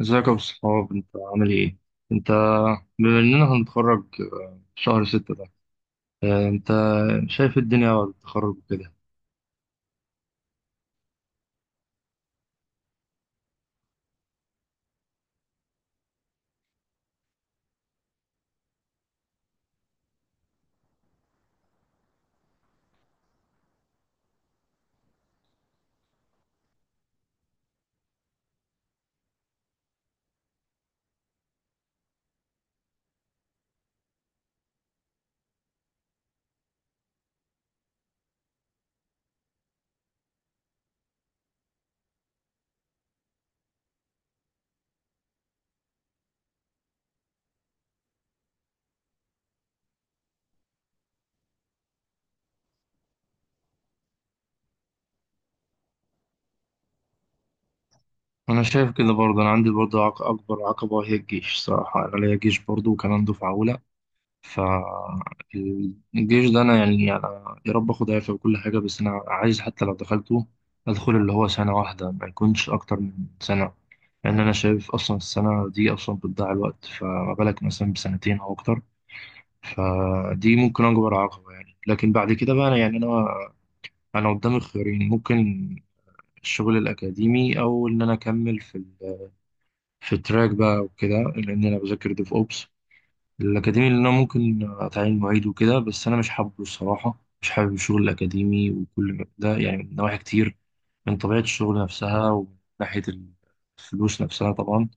ازيك يا ابو الصحاب انت عامل ايه؟ انت بما اننا هنتخرج شهر ستة ده. انت شايف الدنيا بعد التخرج وكده. انا شايف كده برضه، انا عندي برضه اكبر عقبة هي الجيش. صراحة انا ليا جيش برضه وكمان دفعة اولى. فالجيش ده انا يعني انا يا رب اخد عافية وكل حاجة، بس انا عايز حتى لو دخلته ادخل اللي هو سنة واحدة، ما يكونش اكتر من سنة، لان انا شايف اصلا السنة دي اصلا بتضيع الوقت، فما بالك مثلا بسنتين او اكتر. فدي ممكن أكبر عقبة يعني. لكن بعد كده بقى أنا يعني أنا قدامي خيارين ممكن: الشغل الأكاديمي، أو إن أنا أكمل في في التراك بقى وكده، لأن أنا بذاكر ديف أوبس. الأكاديمي اللي أنا ممكن أتعين معيد وكده، بس أنا مش حابه الصراحة مش حابب الشغل الأكاديمي وكل ده، يعني من نواحي كتير، من طبيعة الشغل نفسها، ومن ناحية الفلوس نفسها طبعا.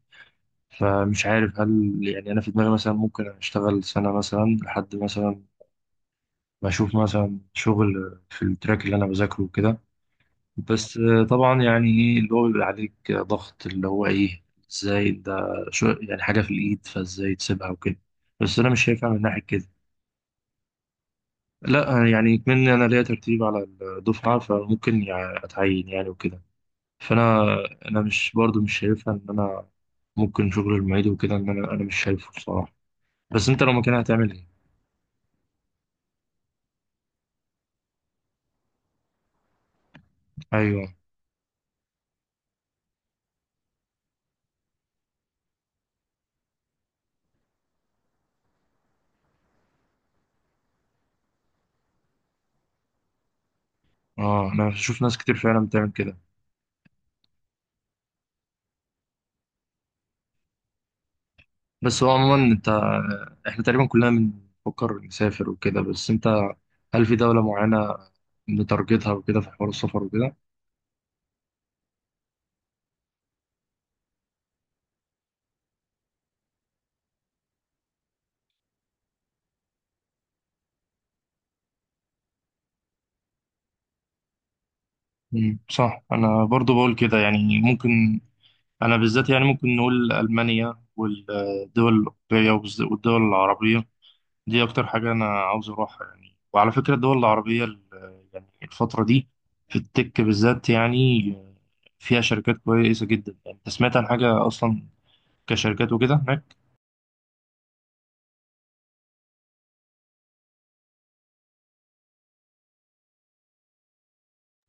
فمش عارف، هل يعني أنا في دماغي مثلا ممكن أشتغل سنة مثلا لحد مثلا بشوف مثلا شغل في التراك اللي انا بذاكره وكده. بس طبعا يعني ايه اللي هو بيبقى عليك ضغط، اللي هو ايه؟ ازاي ده؟ شو يعني حاجه في الايد فازاي تسيبها وكده. بس انا مش شايفها من ناحيه كده. لا يعني مني، انا ليا ترتيب على الدفعه فممكن يعني اتعين يعني وكده. فانا مش برضو مش شايفها ان انا ممكن شغل المعيد وكده، ان انا مش شايفه بصراحه. بس انت لو مكانها هتعمل ايه؟ ايوه. اه، انا بشوف ناس كتير فعلا بتعمل كده. بس هو عموما انت، احنا تقريبا كلنا بنفكر نسافر وكده، بس انت هل في دولة معينة بتارجتها وكده في حوار السفر وكده؟ مم، صح. انا برضو بقول كده، يعني ممكن انا بالذات يعني ممكن نقول المانيا والدول الاوروبيه والدول العربيه، دي اكتر حاجه انا عاوز اروحها يعني. وعلى فكره الدول العربيه يعني الفتره دي في التك بالذات يعني فيها شركات كويسه جدا، يعني انت سمعت عن حاجه اصلا كشركات وكده هناك؟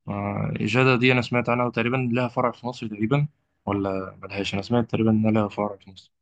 إجادة دي أنا سمعت عنها، وتقريبا لها فرع في مصر تقريبا، ولا ملهاش؟ أنا سمعت تقريبا إنها لها فرع في مصر.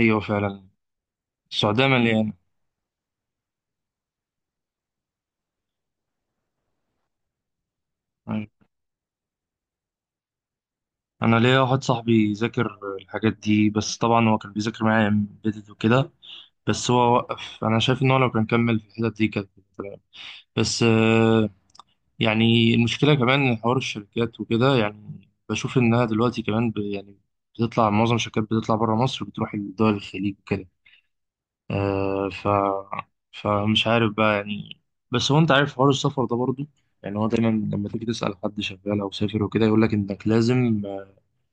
أيوة فعلا. السعودية مليانة. أيوة. أنا ليا واحد صاحبي ذاكر الحاجات دي، بس طبعا هو كان بيذاكر معايا امبيدد وكده، بس هو وقف. أنا شايف إن هو لو كان كمل في الحتت دي كانت تمام. بس يعني المشكلة كمان إن حوار الشركات وكده، يعني بشوف إنها دلوقتي كمان يعني معظم الشركات بتطلع بره مصر، بتروح لدول الخليج وكده. آه ف فمش عارف بقى يعني. بس هو انت عارف حوار السفر ده برضو، يعني هو دايما لما تيجي تسأل حد شغال او سافر وكده يقول لك انك لازم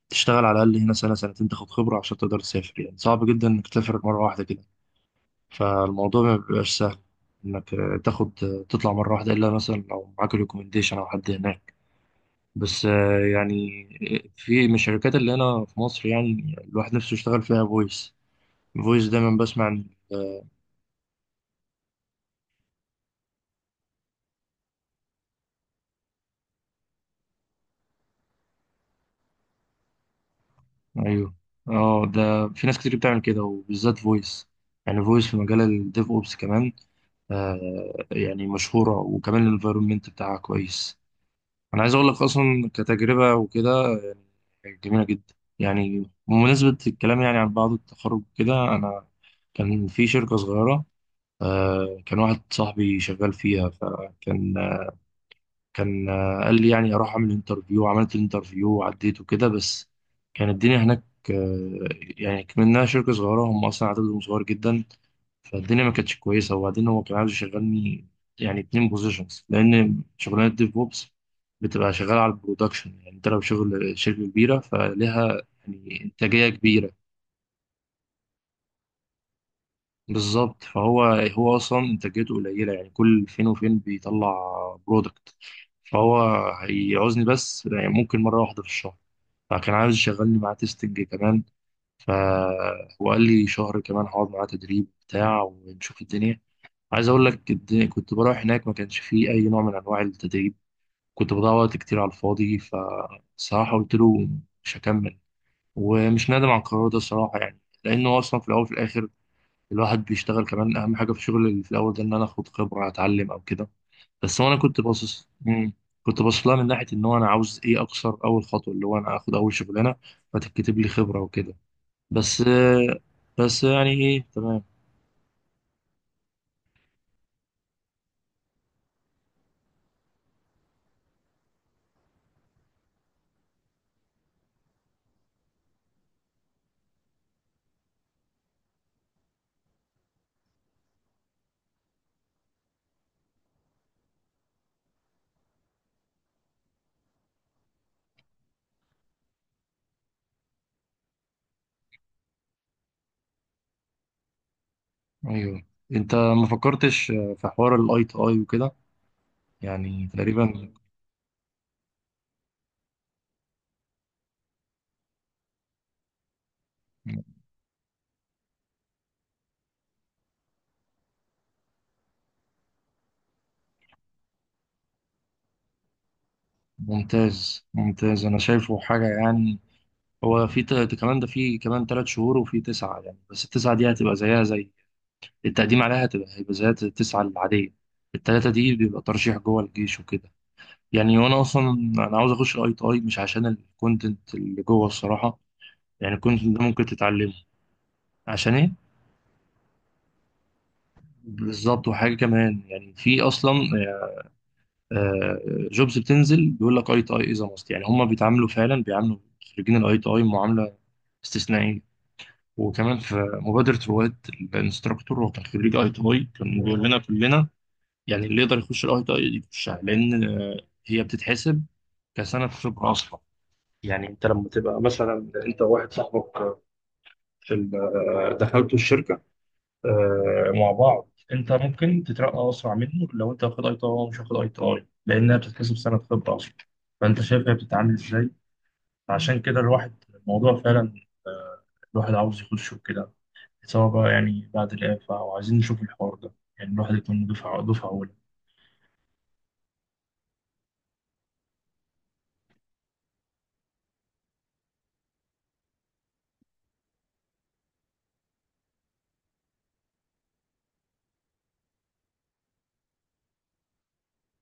تشتغل على الاقل هنا سنة سنتين، تاخد خبرة عشان تقدر تسافر. يعني صعب جدا انك تسافر مرة واحدة كده، فالموضوع ما بيبقاش سهل انك تاخد آه، تطلع مرة واحدة، الا مثلا لو معاك ريكومنديشن او حد هناك. بس يعني في من الشركات اللي هنا في مصر يعني الواحد نفسه يشتغل فيها فويس دايما بسمع عن. ايوه. اه، ده في ناس كتير بتعمل كده، وبالذات فويس، يعني فويس في مجال الديف اوبس كمان. آه، يعني مشهوره، وكمان الانفايرمنت بتاعها كويس. انا عايز اقول لك اصلا كتجربه وكده يعني جميله جدا. يعني بمناسبه الكلام يعني عن بعض التخرج كده، انا كان في شركه صغيره، آه كان واحد صاحبي شغال فيها، فكان كان قال لي يعني اروح اعمل انترفيو. عملت الانترفيو وعديت وكده، بس كان الدنيا هناك آه، يعني كمنها شركة صغيرة، هم اصلا عددهم صغير جدا، فالدنيا ما كانتش كويسة. وبعدين هو كان عايز يشغلني يعني 2 بوزيشنز، لان شغلانة ديف بوبس بتبقى شغالة على البرودكشن، يعني انت لو شغل شركة كبيرة فليها يعني انتاجية كبيرة. بالظبط. فهو اصلا انتاجيته قليله، يعني كل فين وفين بيطلع برودكت، فهو هيعوزني بس يعني ممكن مره واحده في الشهر. فكان عايز يشغلني معاه تيستنج كمان. فهو قال لي شهر كمان هقعد معاه تدريب بتاع ونشوف الدنيا. عايز اقول لك الدنيا كنت بروح هناك ما كانش فيه اي نوع من انواع التدريب، كنت بضيع وقت كتير على الفاضي، فصراحه قلت له مش هكمل. ومش نادم على القرار ده صراحه، يعني لانه اصلا في الاول وفي الاخر الواحد بيشتغل، كمان اهم حاجه في الشغل اللي في الاول ده ان انا اخد خبره، اتعلم او كده. بس هو انا كنت باصص. مم. كنت باصص لها من ناحيه ان هو انا عاوز ايه، اكسر اول خطوه اللي هو انا اخد اول شغلانه فتتكتب لي خبره وكده. بس بس يعني ايه تمام. ايوه. انت ما فكرتش في حوار الاي تي اي وكده، يعني تقريبا؟ ممتاز ممتاز. انا شايفه حاجه، يعني هو في كمان ده في كمان 3 شهور وفي 9، يعني بس التسعه دي هتبقى زيها زي التقديم عليها، هيبقى زي التسعة العادية. التلاتة دي بيبقى ترشيح جوه الجيش وكده. يعني وأنا أصلا أنا عاوز أخش الأي تي أي مش عشان الكونتنت اللي جوه الصراحة، يعني الكونتنت ده ممكن تتعلمه. عشان إيه؟ بالظبط. وحاجة كمان يعني في أصلا جوبز بتنزل بيقول لك أي تي أي إذا ماست، يعني هما بيتعاملوا فعلا بيعاملوا خريجين الأي تي أي معاملة استثنائية. وكمان في مبادرة رواد. الانستراكتور هو كان خريج اي تي اي، كان بيقول لنا كلنا يعني اللي يقدر يخش الاي تي اي يخشها، لان هي بتتحسب كسنه خبره اصلا. يعني انت لما تبقى مثلا انت واحد صاحبك في دخلتوا الشركه مع بعض، انت ممكن تترقى اسرع منه لو انت واخد اي تي اي ومش واخد اي تي اي، لانها بتتحسب سنه خبره اصلا. فانت شايف هي بتتعامل ازاي. عشان كده الواحد الموضوع فعلا آه، الواحد عاوز يخشه كده، سواء بقى يعني بعد الإعفاء وعايزين نشوف الحوار ده، يعني الواحد يكون دفعة أولى.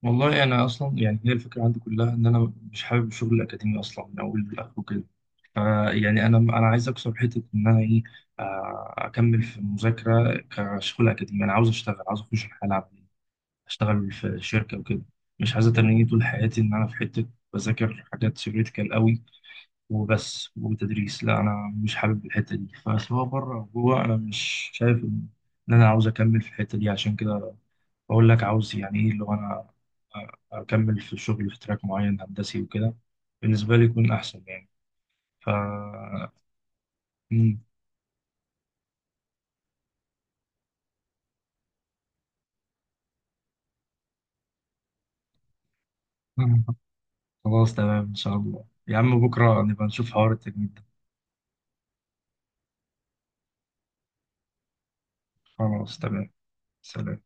والله انا اصلا يعني هي الفكره عندي كلها ان انا مش حابب الشغل الاكاديمي اصلا من اول لاخره كده. فا يعني انا عايز اكسر حته ان انا ايه، اكمل في المذاكره كشغل اكاديمي. انا عاوز اشتغل، عاوز اخش الحياه العمليه، اشتغل في شركه وكده. مش عايز اتنيني طول حياتي ان انا في حته بذاكر حاجات ثيوريتيكال قوي وبس وتدريس. لا انا مش حابب الحته دي، فسواء بره او جوه انا مش شايف ان إن انا عاوز اكمل في الحته دي. عشان كده بقول لك عاوز يعني ايه، لو انا اكمل في الشغل في تراك معين هندسي وكده بالنسبه لي يكون احسن يعني. ف مم. خلاص تمام، ان شاء الله يا عم بكره نبقى نشوف حوار التجميد ده. خلاص تمام. سلام.